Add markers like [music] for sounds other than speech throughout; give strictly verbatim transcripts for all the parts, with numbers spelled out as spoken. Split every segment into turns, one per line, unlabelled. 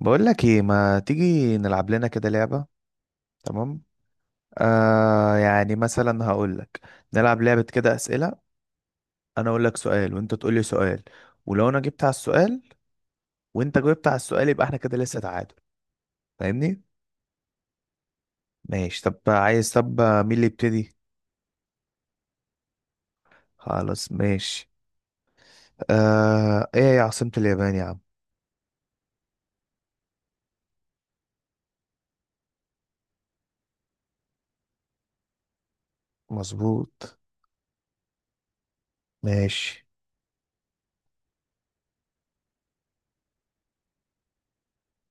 بقول لك ايه، ما تيجي نلعب لنا كده لعبة؟ تمام. آه يعني مثلا هقول لك نلعب لعبة كده أسئلة. انا اقول لك سؤال وانت تقول لي سؤال، ولو انا جبت على السؤال وانت جاوبت على السؤال يبقى احنا كده لسه تعادل، فاهمني؟ ماشي، طب عايز طب مين اللي يبتدي؟ خلاص ماشي. آه ايه هي عاصمة اليابان يا عم؟ مظبوط، ماشي.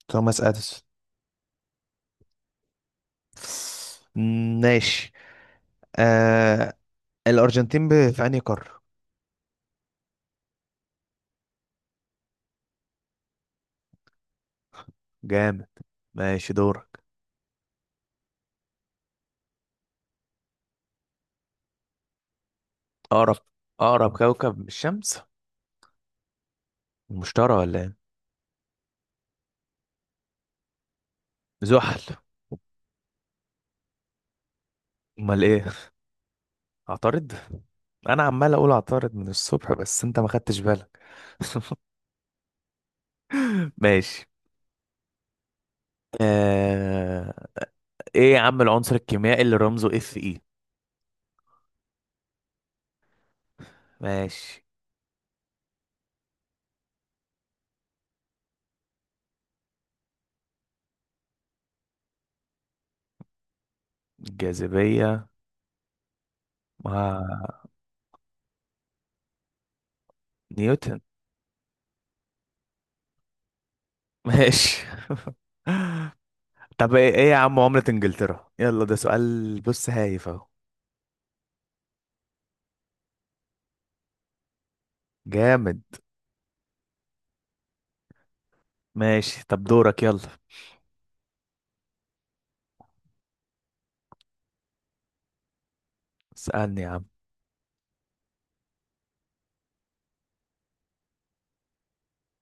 توماس اديسون. مم، ماشي. آه الارجنتين ب- في انهي قارة؟ جامد، ماشي دورك. اقرب، اقرب كوكب من الشمس. المشتري ولا ايه؟ زحل. امال ايه؟ عطارد. انا عمال اقول عطارد من الصبح بس انت ما خدتش بالك. [laughs] ماشي. آه... ايه يا عم العنصر الكيميائي اللي رمزه اف اي؟ ماشي. الجاذبية، مع نيوتن. [laughs] ماشي. طب ايه، إيه يا عم عملة انجلترا؟ يلا ده سؤال، بص هايف اهو. جامد، ماشي طب دورك يلا. اسألني يا عم.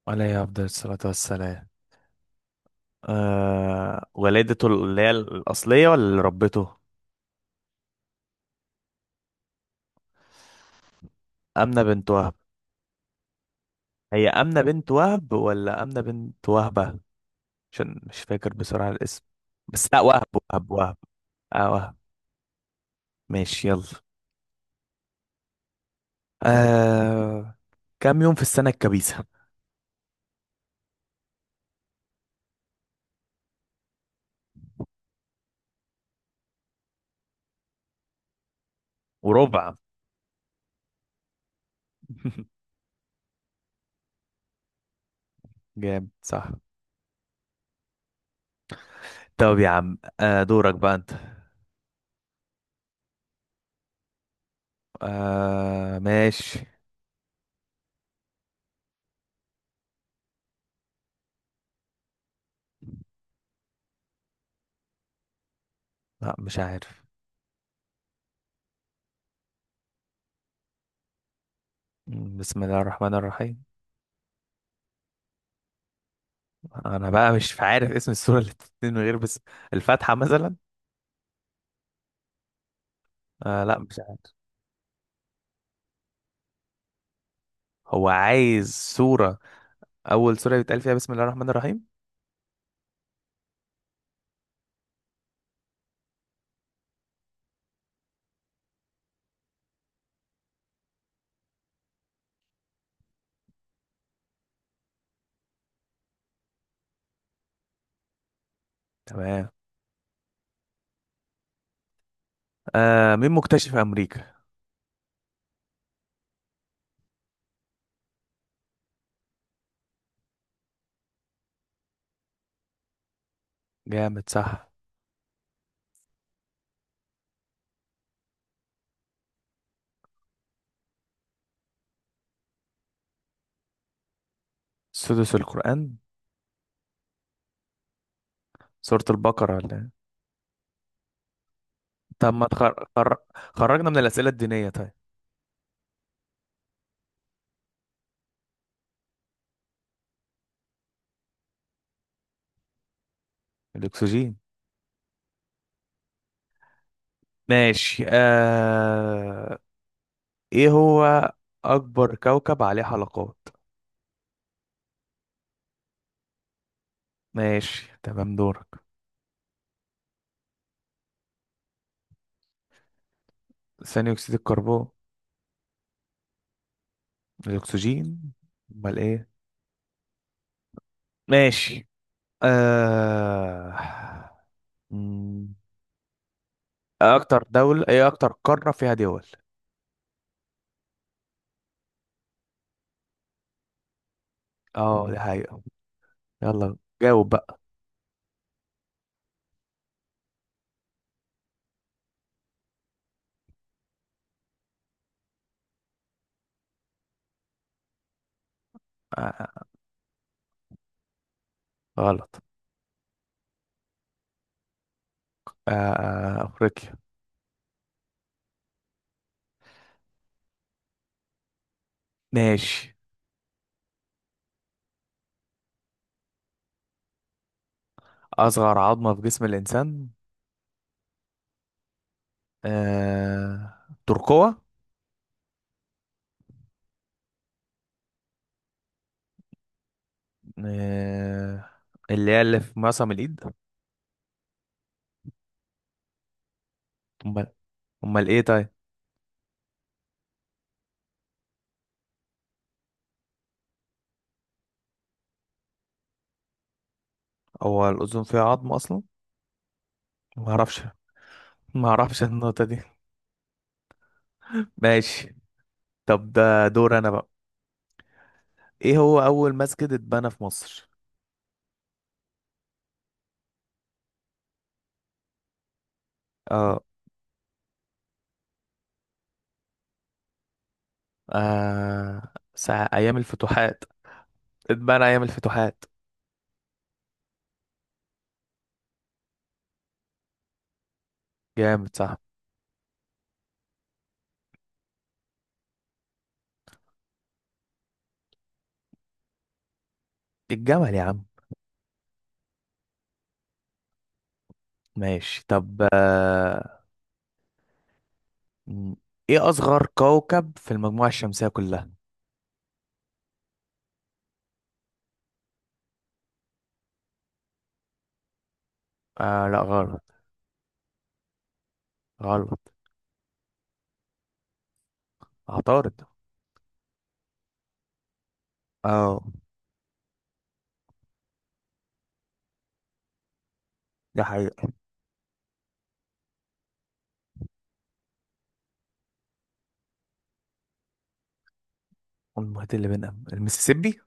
عليه افضل الصلاة والسلام. آه ولادته اللي هي الأصلية ولا اللي ربته؟ أمنة بنت وهب. هي أمنة بنت وهب ولا أمنة بنت وهبة؟ عشان مش فاكر بصراحة الاسم. بس لا، وهب، وهب وهب، اه وهب. ماشي يلا. آه كام يوم في السنة الكبيسة؟ وربع. [laughs] جامد صح. طب يا عم آه دورك بقى انت. آه ماشي. لا مش عارف. بسم الله الرحمن الرحيم. انا بقى مش عارف اسم السورة اللي بتتنين من غير بس. الفاتحة مثلا. آه لا مش عارف. هو عايز سورة، اول سورة بيتقال فيها بسم الله الرحمن الرحيم. تمام. آه مين مكتشف امريكا؟ جامد صح. سدس القرآن. سورة البقرة ولا إيه؟ طب ما تخر... خر... خرجنا من الأسئلة الدينية طيب. الاكسجين. ماشي. آه ايه هو اكبر كوكب عليه حلقات؟ ماشي تمام دورك. ثاني اكسيد الكربون. الاكسجين. امال ايه؟ ماشي. آه... مم. إيه اكتر دولة، ايه اكتر قارة فيها دول؟ اه دي حقيقة. يلا جاوب بقى. آه. آه، غلط. آه... آه، افريقيا. ماشي. اصغر عظمة في جسم الانسان. آه... ترقوة. آه... اللي هي اللي في معصم الايد. امال، امال ايه طيب؟ هو الاذن فيها عظم اصلا؟ ما اعرفش، ما اعرفش النقطة دي. ماشي. طب ده دور انا بقى. ايه هو اول مسجد اتبنى في مصر؟ اه. آه، ساعة أيام الفتوحات، اتبنى أيام الفتوحات. جامد صح. الجمل يا عم. ماشي طب. آه... م- إيه أصغر كوكب في المجموعة الشمسية كلها؟ آه لا غلط. غلط. عطارد. اه ده حقيقة. المحيط اللي بيننا المسيسيبي.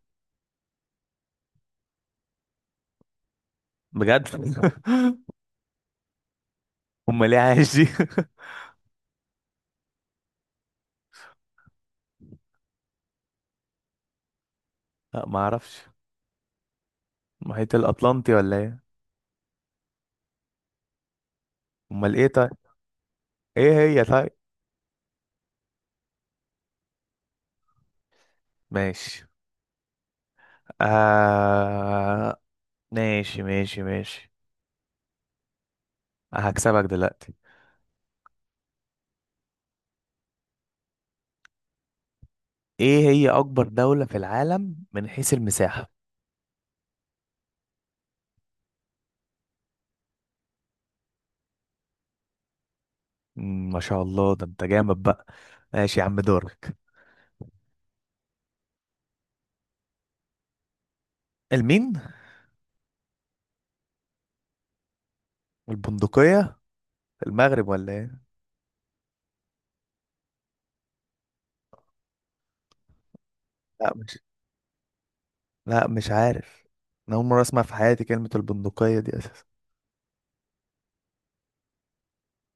بجد. [laughs] أمال إيه عايش دي؟ [laughs] لا معرفش. المحيط الأطلنطي ولا إيه؟ أمال إيه طيب؟ إيه هي طيب؟ ماشي. آه... ماشي ماشي ماشي. هكسبك دلوقتي. ايه هي اكبر دولة في العالم من حيث المساحة؟ مم، ما شاء الله ده انت جامد بقى. ماشي يا عم دورك. المين؟ البندقية. المغرب ولا ايه؟ لا مش لا مش عارف. انا اول مرة اسمع في حياتي كلمة البندقية دي اساسا.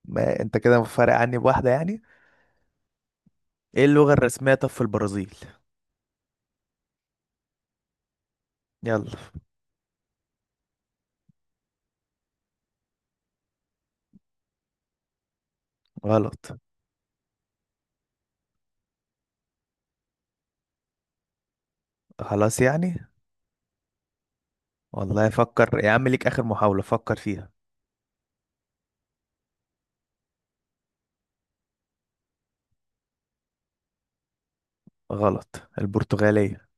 ما انت كده فارق عني بواحدة يعني. ايه اللغة الرسمية طب في البرازيل؟ يلا. غلط. خلاص يعني. والله فكر يا عم، ليك اخر محاولة فكر فيها. غلط، البرتغالية.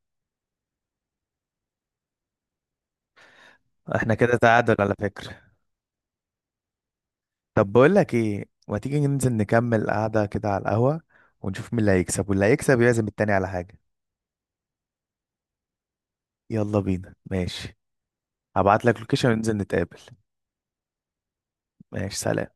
احنا كده تعادل على فكرة. طب بقول لك ايه، ما تيجي ننزل نكمل قعدة كده على القهوة ونشوف مين اللي هيكسب، واللي هيكسب يعزم التاني على حاجة. يلا بينا ماشي. هبعت لك لوكيشن وننزل نتقابل. ماشي سلام.